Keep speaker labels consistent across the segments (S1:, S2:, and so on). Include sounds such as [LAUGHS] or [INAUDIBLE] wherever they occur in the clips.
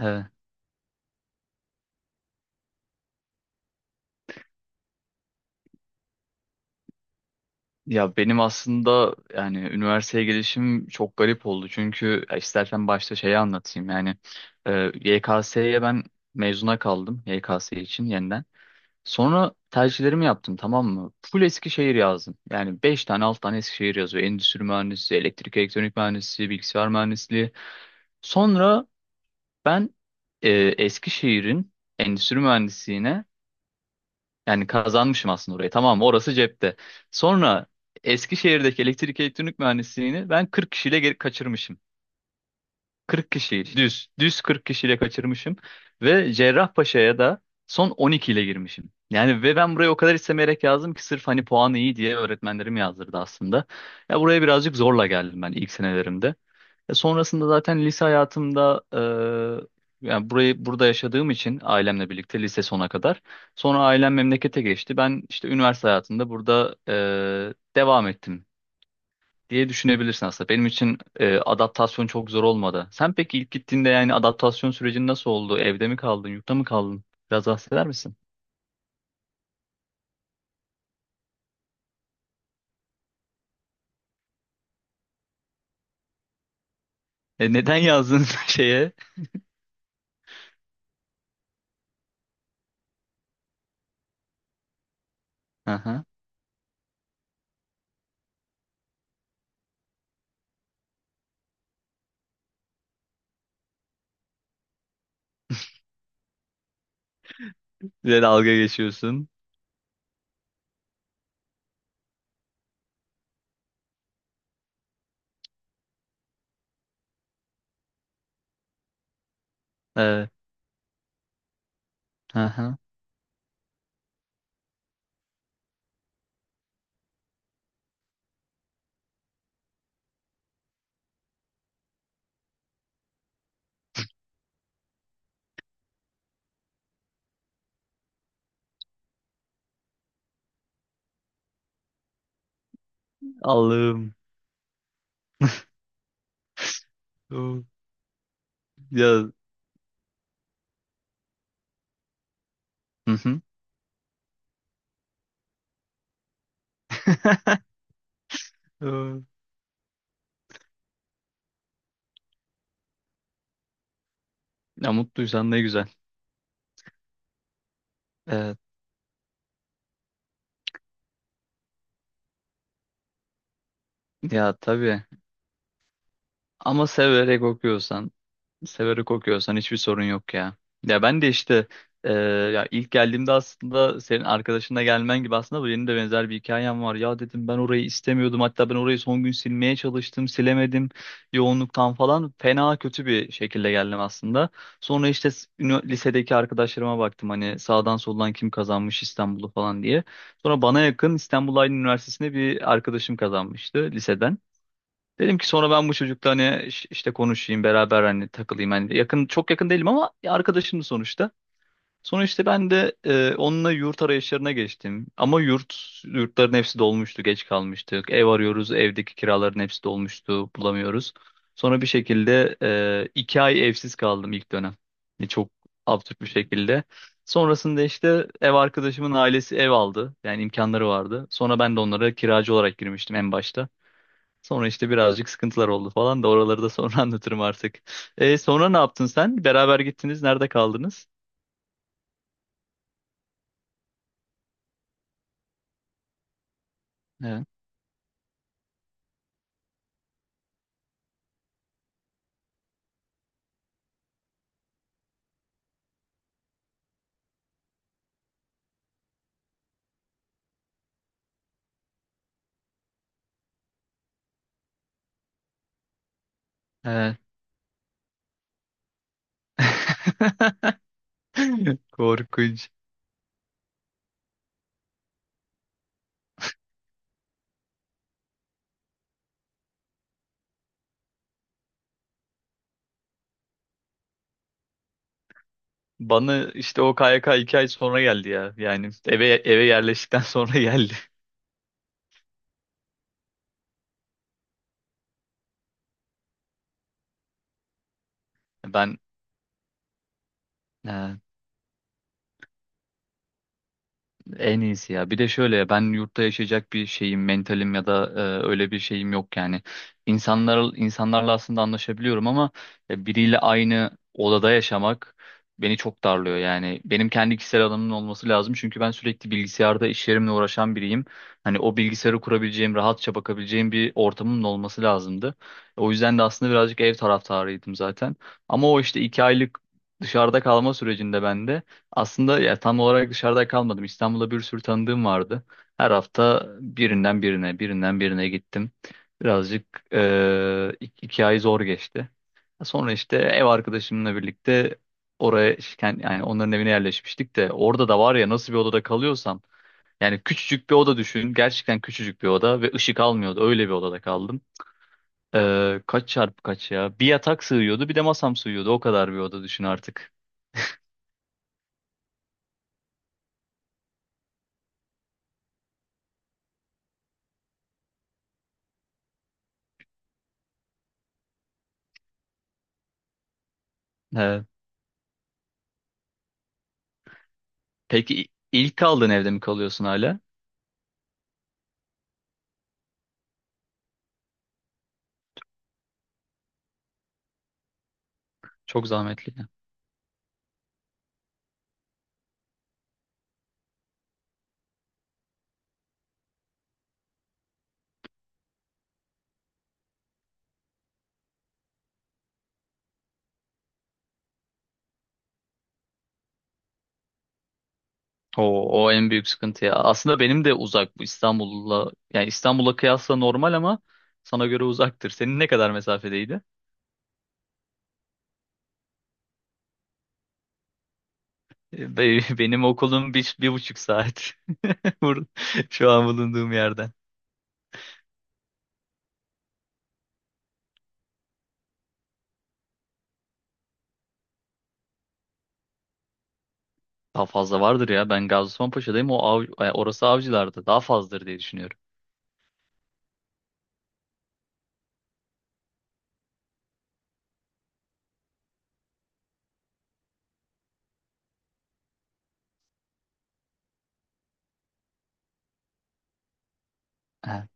S1: Evet. Ya benim aslında yani üniversiteye gelişim çok garip oldu. Çünkü ya istersen başta şeyi anlatayım. Yani e, YKS'ye ben mezuna kaldım YKS için yeniden. Sonra tercihlerimi yaptım, tamam mı? Full Eskişehir yazdım. Yani 5 tane, 6 tane Eskişehir yazıyor. Endüstri mühendisi, elektrik elektronik mühendisi, bilgisayar mühendisliği. Sonra ben e, Eskişehir'in endüstri mühendisliğine, yani kazanmışım aslında orayı. Tamam, orası cepte. Sonra Eskişehir'deki elektrik elektronik mühendisliğini ben 40 kişiyle geri kaçırmışım. 40 kişi düz. Düz 40 kişiyle kaçırmışım. Ve Cerrahpaşa'ya da son 12 ile girmişim. Yani ve ben buraya o kadar istemeyerek yazdım ki sırf hani puanı iyi diye öğretmenlerim yazdırdı aslında. Ya buraya birazcık zorla geldim ben ilk senelerimde. Sonrasında zaten lise hayatımda yani burada yaşadığım için ailemle birlikte lise sona kadar. Sonra ailem memlekete geçti. Ben işte üniversite hayatında burada devam ettim diye düşünebilirsin aslında. Benim için adaptasyon çok zor olmadı. Sen peki ilk gittiğinde yani adaptasyon sürecin nasıl oldu? Evde mi kaldın, yurtta mı kaldın? Biraz bahseder misin? Neden yazdın [LAUGHS] şeye? Aha. Bir de dalga geçiyorsun. Evet. Aha. Allah'ım. [LAUGHS] Oo. Ya. Hı hı. [LAUGHS] Oo. Ya, mutluysan ne güzel. Evet. Ya, tabii. Ama severek okuyorsan, severek okuyorsan hiçbir sorun yok ya. Ya ben de işte ya ilk geldiğimde aslında senin arkadaşınla gelmen gibi aslında bu benim de benzer bir hikayem var. Ya dedim, ben orayı istemiyordum. Hatta ben orayı son gün silmeye çalıştım, silemedim yoğunluktan falan. Fena kötü bir şekilde geldim aslında. Sonra işte lisedeki arkadaşlarıma baktım hani sağdan soldan kim kazanmış İstanbul'u falan diye. Sonra bana yakın İstanbul Aydın Üniversitesi'ne bir arkadaşım kazanmıştı liseden. Dedim ki sonra ben bu çocukla hani işte konuşayım beraber, hani takılayım. Hani yakın, çok yakın değilim ama arkadaşım sonuçta. Sonra işte ben de onunla yurt arayışlarına geçtim. Ama yurtların hepsi dolmuştu, geç kalmıştık. Ev arıyoruz, evdeki kiraların hepsi dolmuştu, bulamıyoruz. Sonra bir şekilde 2 ay evsiz kaldım ilk dönem. Yani çok absürt bir şekilde. Sonrasında işte ev arkadaşımın ailesi ev aldı. Yani imkanları vardı. Sonra ben de onlara kiracı olarak girmiştim en başta. Sonra işte birazcık sıkıntılar oldu falan da oraları da sonra [LAUGHS] anlatırım artık. Sonra ne yaptın sen? Beraber gittiniz. Nerede kaldınız? Evet. Evet. [LAUGHS] Korkunç. Bana işte o KYK 2 ay sonra geldi ya. Yani eve yerleştikten [LAUGHS] sonra geldi. Ben En iyisi ya. Bir de şöyle ben yurtta yaşayacak bir şeyim, mentalim ya da öyle bir şeyim yok yani. İnsanlarla aslında anlaşabiliyorum ama biriyle aynı odada yaşamak beni çok darlıyor yani. Benim kendi kişisel alanımın olması lazım çünkü ben sürekli bilgisayarda iş yerimle uğraşan biriyim. Hani o bilgisayarı kurabileceğim, rahatça bakabileceğim bir ortamımın olması lazımdı. O yüzden de aslında birazcık ev taraftarıydım zaten. Ama o işte 2 aylık dışarıda kalma sürecinde bende. Aslında ya, tam olarak dışarıda kalmadım. İstanbul'da bir sürü tanıdığım vardı. Her hafta birinden birine, birinden birine gittim. Birazcık 2 ay zor geçti. Sonra işte ev arkadaşımla birlikte oraya, yani onların evine yerleşmiştik de orada da var ya, nasıl bir odada kalıyorsam yani küçücük bir oda düşün. Gerçekten küçücük bir oda ve ışık almıyordu. Öyle bir odada kaldım. Kaç çarpı kaç ya? Bir yatak sığıyordu, bir de masam sığıyordu. O kadar bir oda düşün artık. Peki, ilk kaldığın evde mi kalıyorsun hala? Çok zahmetli. O, o en büyük sıkıntı ya. Aslında benim de uzak bu İstanbul'la. Yani İstanbul'a kıyasla normal ama sana göre uzaktır. Senin ne kadar mesafedeydi? [LAUGHS] Benim okulum bir, bir buçuk saat. [LAUGHS] Bur- Şu an bulunduğum yerden. Daha fazla vardır ya. Ben Gaziosmanpaşa'dayım. Orası Avcılar'da. Daha fazladır diye düşünüyorum. Evet.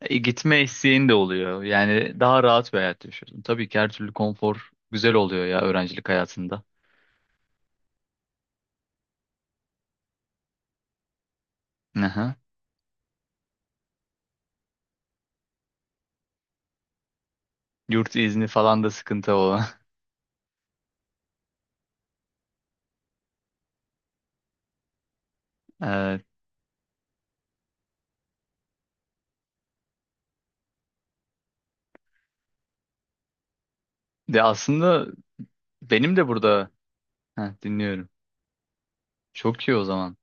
S1: Gitme isteğin de oluyor. Yani daha rahat bir hayat yaşıyorsun. Tabii ki her türlü konfor güzel oluyor ya öğrencilik hayatında. Aha. Yurt izni falan da sıkıntı olan. [LAUGHS] Ee, De aslında benim de burada. Heh, dinliyorum. Çok iyi o zaman.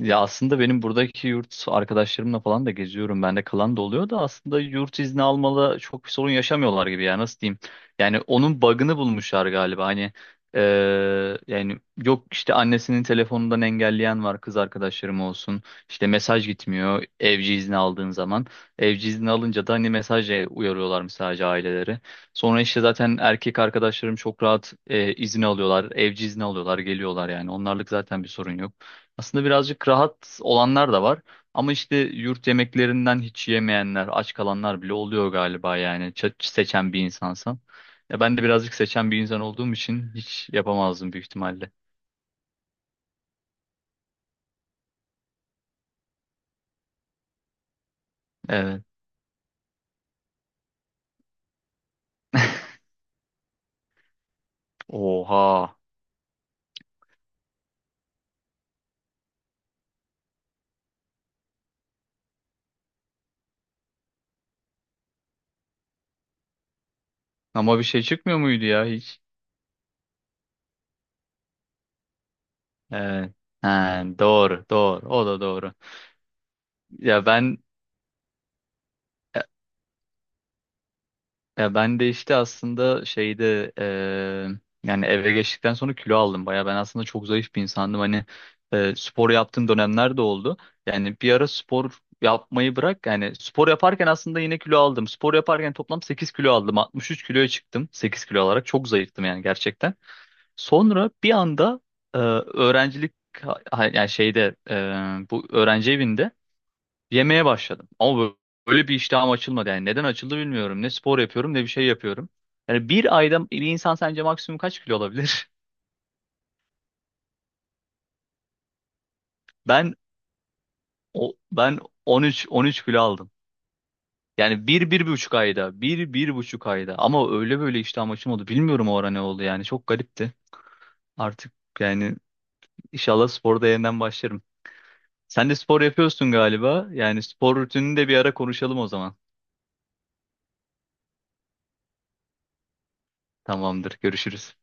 S1: Ya aslında benim buradaki yurt arkadaşlarımla falan da geziyorum. Bende kalan da oluyor da aslında yurt izni almalı çok bir sorun yaşamıyorlar gibi ya, nasıl diyeyim. Yani onun bug'ını bulmuşlar galiba. Hani yani yok işte annesinin telefonundan engelleyen var kız arkadaşlarım olsun. İşte mesaj gitmiyor evci izni aldığın zaman. Evci izni alınca da hani mesajla uyarıyorlar sadece aileleri. Sonra işte zaten erkek arkadaşlarım çok rahat izin alıyorlar. Evci izni alıyorlar, geliyorlar yani. Onlarlık zaten bir sorun yok. Aslında birazcık rahat olanlar da var. Ama işte yurt yemeklerinden hiç yemeyenler, aç kalanlar bile oluyor galiba yani. Seçen bir insansan. Ya ben de birazcık seçen bir insan olduğum için hiç yapamazdım büyük ihtimalle. Evet. [LAUGHS] Oha. Ama bir şey çıkmıyor muydu ya hiç? Evet. Ha, doğru, doğru. O da doğru. Ya ben Ya ben de işte aslında şeyde yani eve geçtikten sonra kilo aldım. Baya ben aslında çok zayıf bir insandım. Hani spor yaptığım dönemler de oldu. Yani bir ara spor yapmayı bırak. Yani spor yaparken aslında yine kilo aldım. Spor yaparken toplam 8 kilo aldım. 63 kiloya çıktım. 8 kilo olarak çok zayıftım yani gerçekten. Sonra bir anda eee, öğrencilik yani şeyde bu öğrenci evinde yemeye başladım. Ama böyle bir iştahım açılmadı. Yani neden açıldı bilmiyorum. Ne spor yapıyorum ne bir şey yapıyorum. Yani bir ayda bir insan sence maksimum kaç kilo olabilir? [LAUGHS] Ben o ben 13 kilo aldım. Yani bir, bir buçuk ayda. Bir, bir buçuk ayda. Ama öyle böyle iştahım açılmadı. Bilmiyorum o ara ne oldu yani. Çok garipti. Artık yani inşallah sporda yeniden başlarım. Sen de spor yapıyorsun galiba. Yani spor rutinini de bir ara konuşalım o zaman. Tamamdır. Görüşürüz.